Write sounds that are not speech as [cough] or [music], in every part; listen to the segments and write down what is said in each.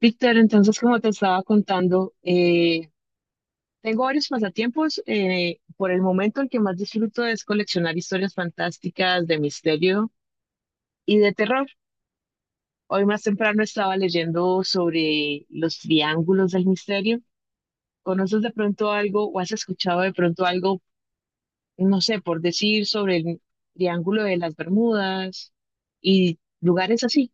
Víctor, entonces, como te estaba contando, tengo varios pasatiempos. Por el momento, el que más disfruto es coleccionar historias fantásticas de misterio y de terror. Hoy más temprano estaba leyendo sobre los triángulos del misterio. ¿Conoces de pronto algo o has escuchado de pronto algo, no sé, por decir sobre el triángulo de las Bermudas y lugares así?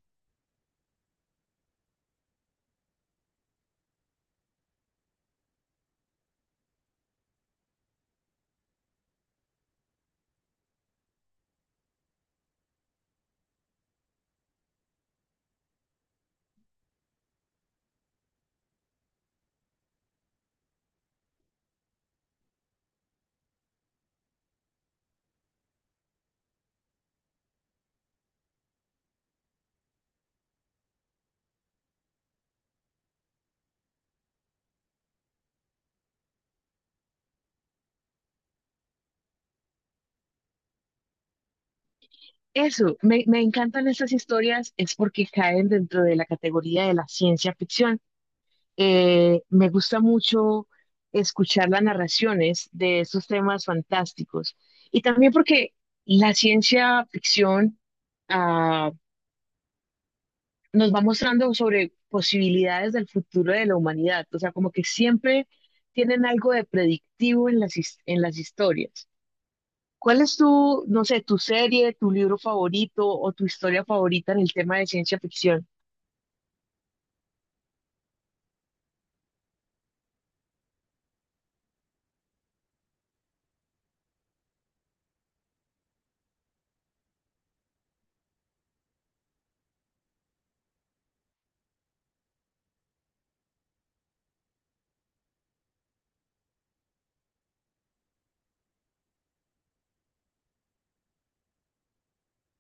Eso, me encantan estas historias, es porque caen dentro de la categoría de la ciencia ficción. Me gusta mucho escuchar las narraciones de estos temas fantásticos y también porque la ciencia ficción ah, nos va mostrando sobre posibilidades del futuro de la humanidad, o sea, como que siempre tienen algo de predictivo en en las historias. ¿Cuál es tu, no sé, tu serie, tu libro favorito o tu historia favorita en el tema de ciencia ficción?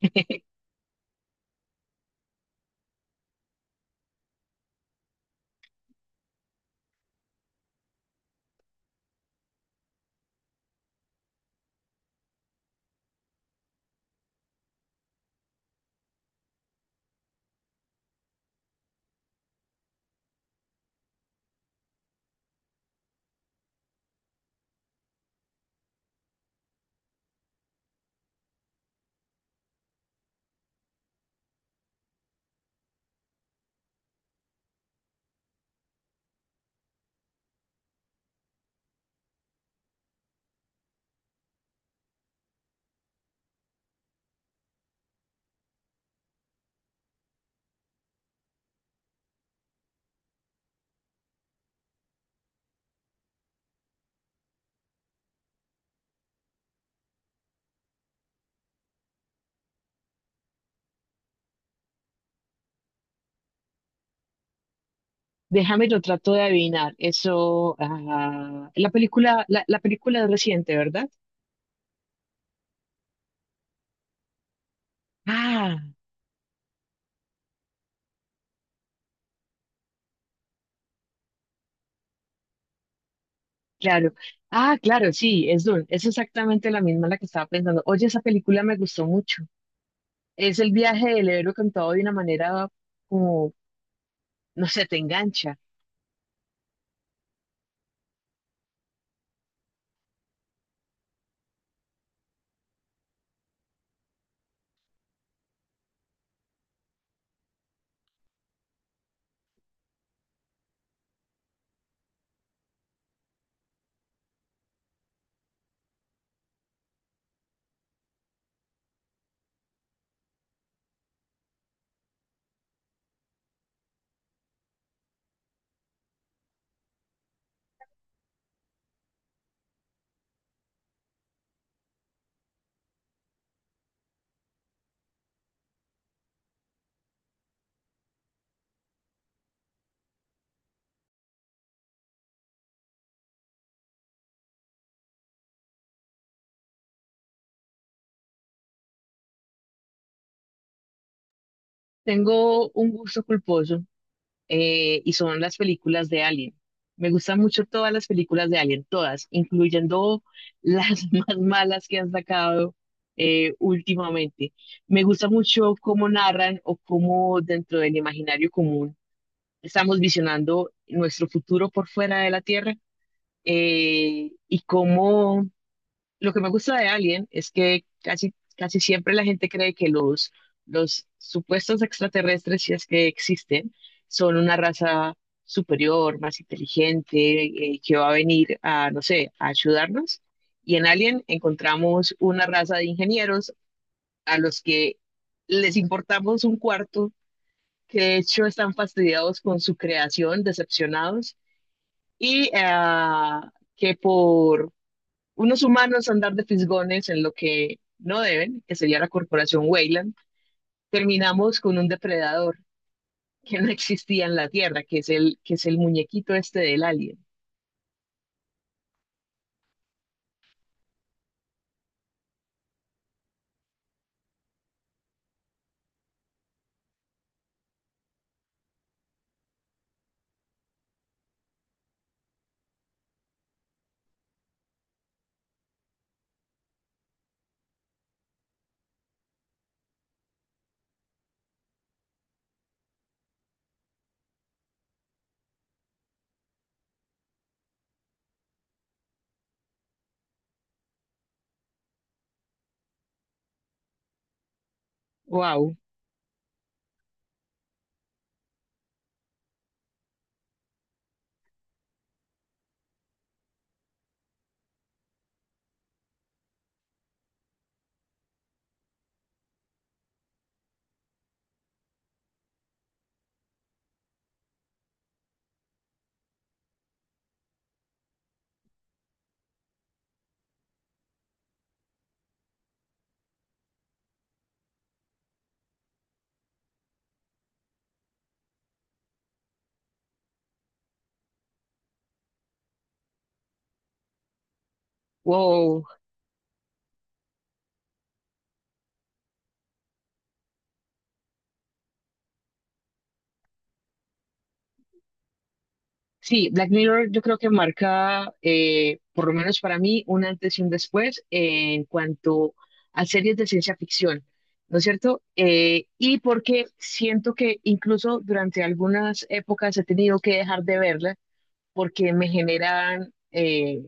[laughs] Déjame, lo trato de adivinar. Eso, ah, la película, la película es reciente, ¿verdad? Ah, claro. Ah, claro, sí, es Dune. Es exactamente la misma la que estaba pensando. Oye, esa película me gustó mucho. Es el viaje del héroe contado de una manera como, no sé, te engancha. Tengo un gusto culposo y son las películas de Alien. Me gustan mucho todas las películas de Alien, todas, incluyendo las [laughs] más malas que han sacado últimamente. Me gusta mucho cómo narran o cómo dentro del imaginario común estamos visionando nuestro futuro por fuera de la Tierra y cómo lo que me gusta de Alien es que casi, casi siempre la gente cree que los supuestos extraterrestres, si es que existen, son una raza superior, más inteligente, que va a venir a, no sé, a ayudarnos. Y en Alien encontramos una raza de ingenieros a los que les importamos un cuarto, que de hecho están fastidiados con su creación, decepcionados, y que por unos humanos andar de fisgones en lo que no deben, que sería la corporación Weyland, terminamos con un depredador que no existía en la Tierra, que es el muñequito este del alien. Wow, wow. Sí, Black Mirror yo creo que marca, por lo menos para mí, un antes y un después en cuanto a series de ciencia ficción, ¿no es cierto? Y porque siento que incluso durante algunas épocas he tenido que dejar de verla porque me generan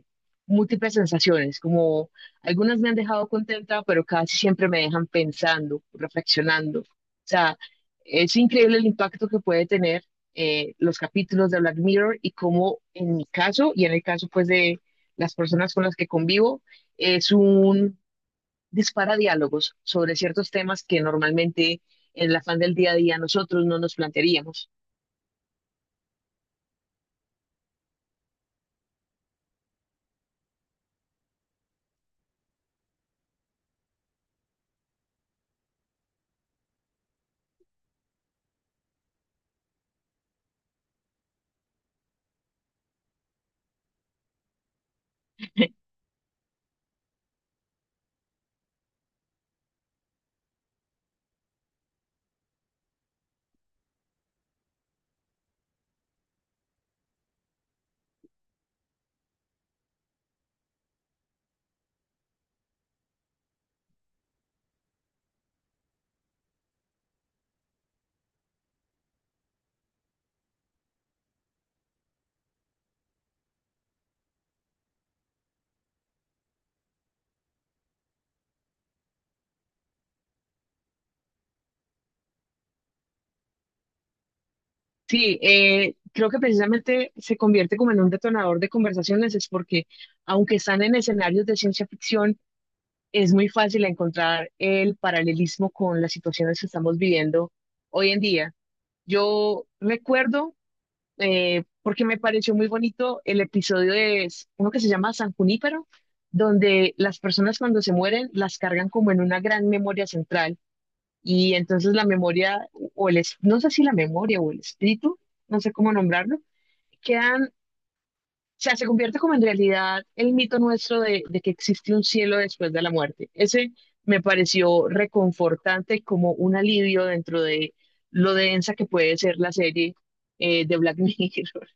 múltiples sensaciones, como algunas me han dejado contenta, pero casi siempre me dejan pensando, reflexionando. O sea, es increíble el impacto que puede tener los capítulos de Black Mirror y cómo en mi caso y en el caso pues de las personas con las que convivo, es un dispara diálogos sobre ciertos temas que normalmente en el afán del día a día nosotros no nos plantearíamos. Sí, creo que precisamente se convierte como en un detonador de conversaciones, es porque aunque están en escenarios de ciencia ficción, es muy fácil encontrar el paralelismo con las situaciones que estamos viviendo hoy en día. Yo recuerdo, porque me pareció muy bonito, el episodio de uno que se llama San Junípero, donde las personas cuando se mueren las cargan como en una gran memoria central y entonces la memoria o no sé si la memoria o el espíritu, no sé cómo nombrarlo quedan, o sea, se convierte como en realidad el mito nuestro de que existe un cielo después de la muerte. Ese me pareció reconfortante como un alivio dentro de lo densa que puede ser la serie de Black Mirror.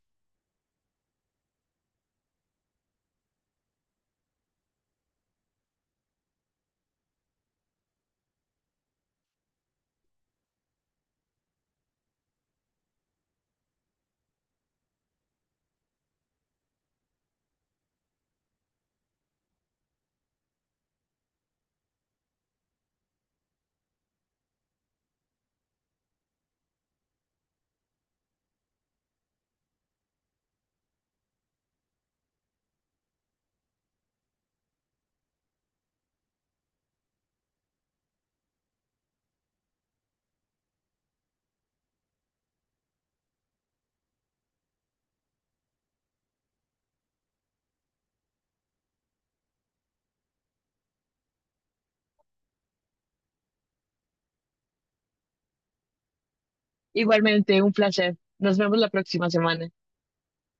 [laughs] Igualmente, un placer. Nos vemos la próxima semana.